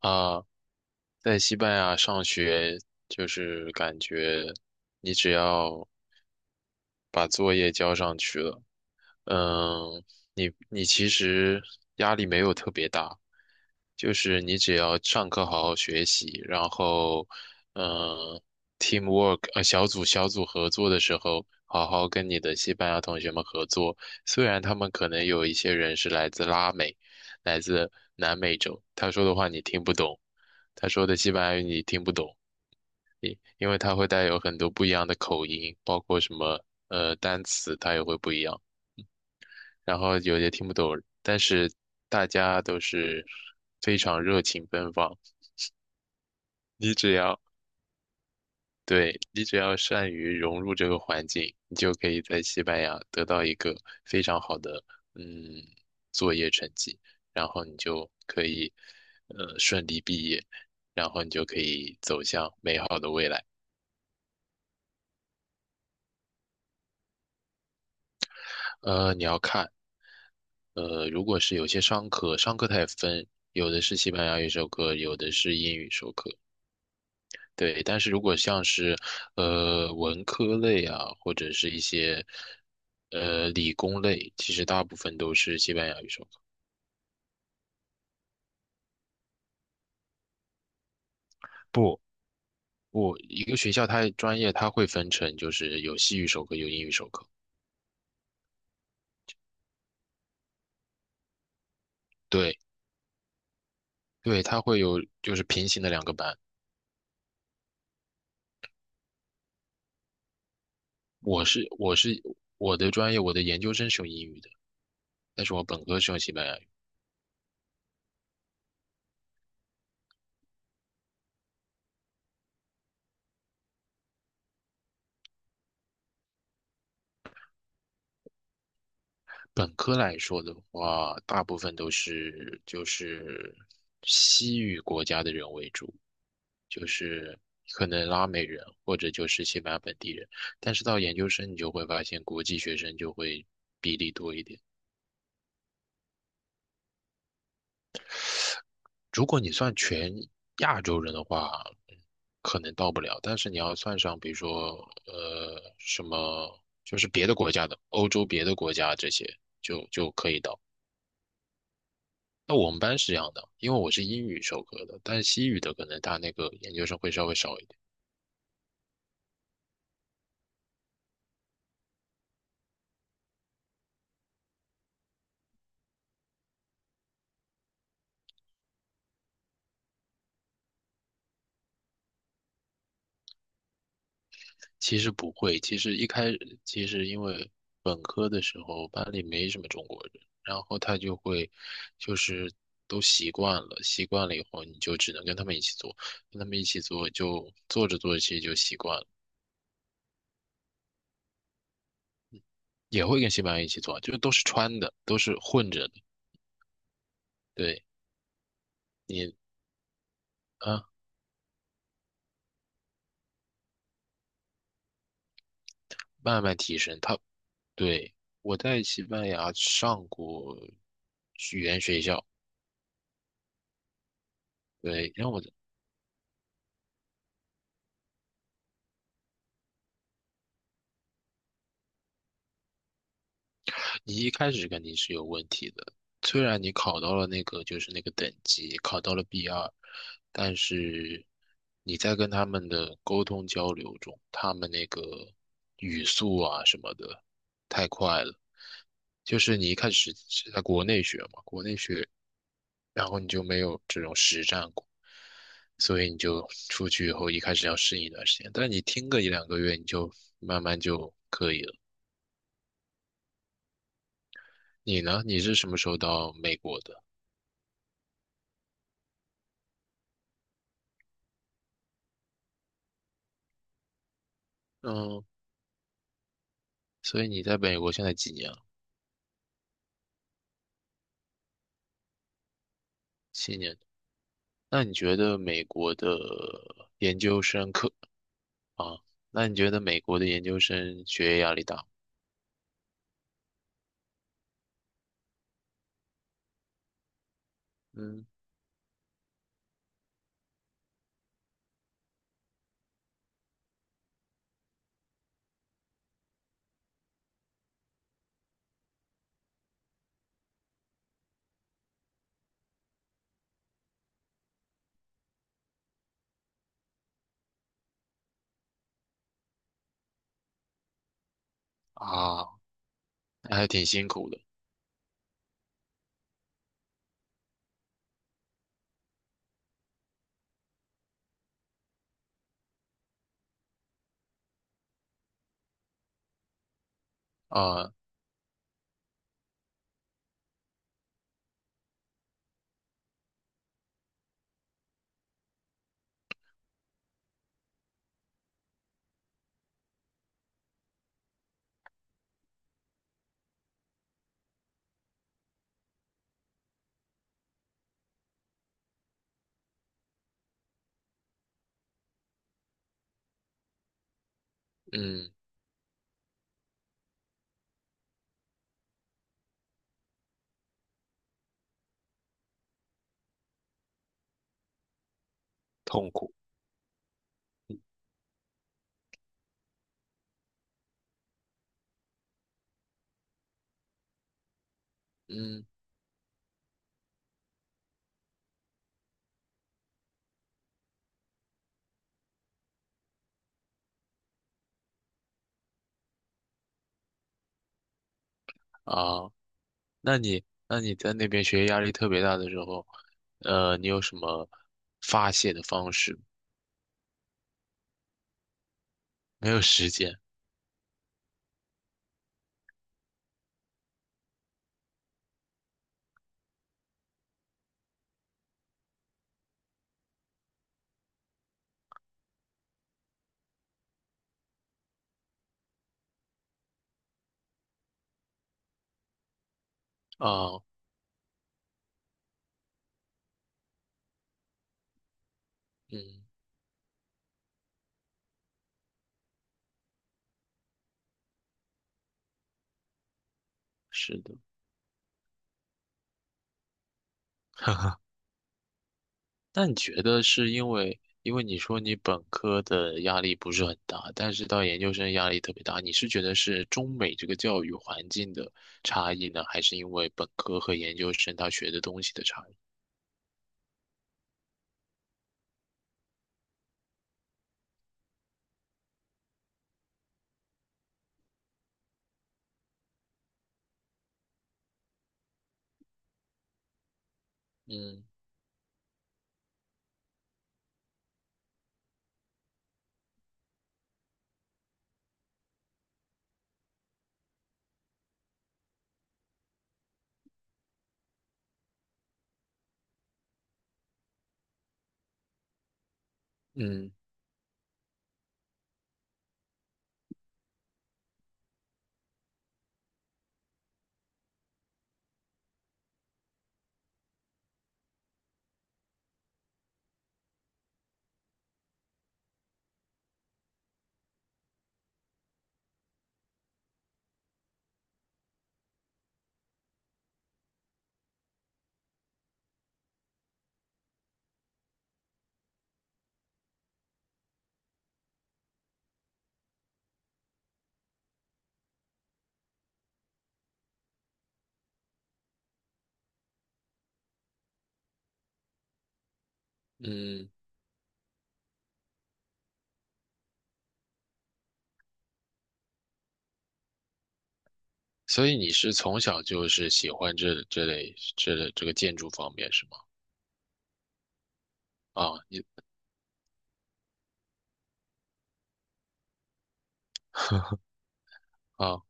啊，在西班牙上学就是感觉你只要把作业交上去了，嗯，你其实压力没有特别大，就是你只要上课好好学习，然后，嗯，teamwork 小组合作的时候，好好跟你的西班牙同学们合作。虽然他们可能有一些人是来自拉美，来自南美洲，他说的话你听不懂，他说的西班牙语你听不懂，因为他会带有很多不一样的口音，包括什么单词，它也会不一样。然后有些听不懂，但是大家都是非常热情奔放。你只要，对，你只要善于融入这个环境，你就可以在西班牙得到一个非常好的嗯作业成绩，然后你就可以顺利毕业，然后你就可以走向美好的未来。你要看。如果是有些商科，它也分，有的是西班牙语授课，有的是英语授课，对，但是如果像是文科类啊，或者是一些理工类，其实大部分都是西班牙语授课。不，不，一个学校它专业它会分成，就是有西语授课，有英语授课。对对，它会有就是平行的两个班。我是我是我的专业，我的研究生是用英语的，但是我本科是用西班牙语。本科来说的话，大部分都是就是西语国家的人为主，就是可能拉美人或者就是西班牙本地人。但是到研究生，你就会发现国际学生就会比例多一点。如果你算全亚洲人的话，嗯可能到不了。但是你要算上，比如说什么，就是别的国家的，欧洲别的国家这些，就可以到。那我们班是这样的，因为我是英语授课的，但是西语的可能他那个研究生会稍微少一点。其实不会，其实一开始其实因为本科的时候班里没什么中国人，然后他就会就是都习惯了，习惯了以后你就只能跟他们一起做，跟他们一起做就做着做着其实就习惯了，也会跟西班牙一起做，就是都是穿的，都是混着的。对。你啊慢慢提升。对，我在西班牙上过语言学校。对。你一开始肯定是有问题的。虽然你考到了那个就是那个等级，考到了 B2，但是你在跟他们的沟通交流中，他们那个语速啊什么的太快了。就是你一开始是在国内学嘛，国内学，然后你就没有这种实战过，所以你就出去以后一开始要适应一段时间，但你听个一两个月，你就慢慢就可以了。你呢？你是什么时候到美国的？嗯，所以你在美国现在几年了？7年。那你觉得美国的研究生课啊？那你觉得美国的研究生学业压力大吗？嗯啊，那还挺辛苦的啊，嗯，痛苦，嗯啊。那你那你在那边学业压力特别大的时候，你有什么发泄的方式？没有时间啊，嗯，是的。那你觉得是因为，因为你说你本科的压力不是很大，但是到研究生压力特别大，你是觉得是中美这个教育环境的差异呢，还是因为本科和研究生他学的东西的差异？嗯嗯嗯，所以你是从小就是喜欢这个建筑方面是吗？啊，啊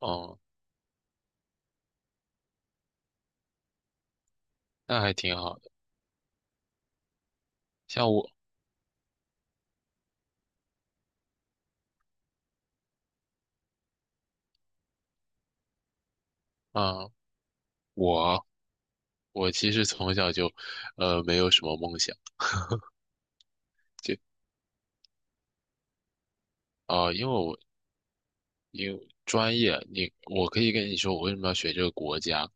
哦，那还挺好的。像我啊，我我其实从小就，没有什么梦想。就啊、因为我因为专业，我可以跟你说我为什么要学这个国家，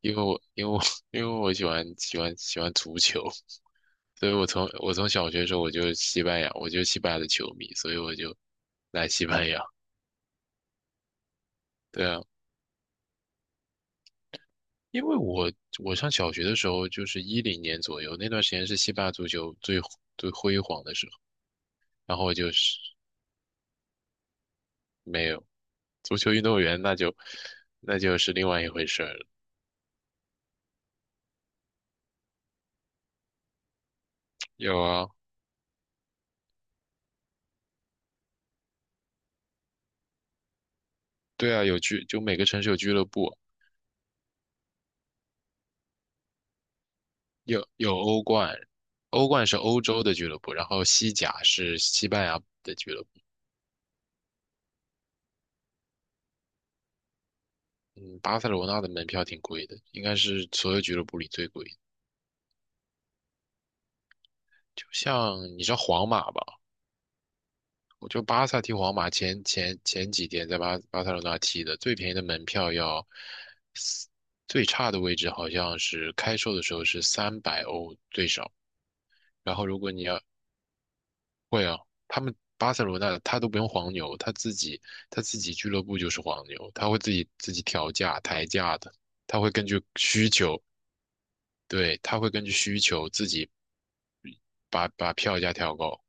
因为我因为我喜欢足球，所以我从小学的时候我就是西班牙，我就是西班牙的球迷，所以我就来西班牙。对啊，因为我上小学的时候就是2010年左右，那段时间是西班牙足球最最辉煌的时候，然后我就是没有足球运动员，那就是另外一回事儿了。有啊，对啊，就每个城市有俱乐部。有欧冠，欧冠是欧洲的俱乐部，然后西甲是西班牙的俱乐部。嗯，巴塞罗那的门票挺贵的，应该是所有俱乐部里最贵的。就像你知道皇马吧，我就巴萨踢皇马前几天在巴塞罗那踢的，最便宜的门票要最差的位置好像是开售的时候是300欧最少，然后如果你要会啊，他们巴塞罗那他都不用黄牛，他自己俱乐部就是黄牛，他会自己调价抬价的，他会根据需求，对，他会根据需求自己把票价调高。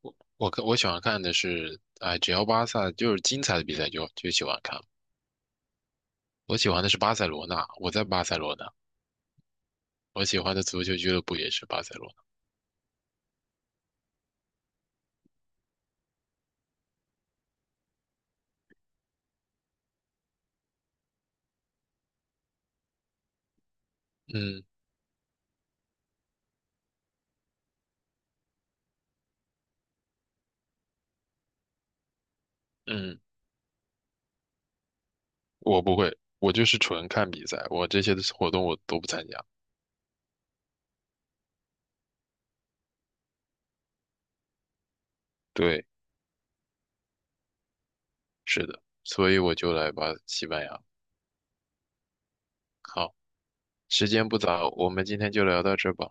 我喜欢看的是，哎，只要巴萨就是精彩的比赛就喜欢看。我喜欢的是巴塞罗那，我在巴塞罗那，我喜欢的足球俱乐部也是巴塞罗那。嗯嗯，我不会，我就是纯看比赛，我这些的活动我都不参加。对。是的，所以我就来吧，西班牙。好，时间不早，我们今天就聊到这吧。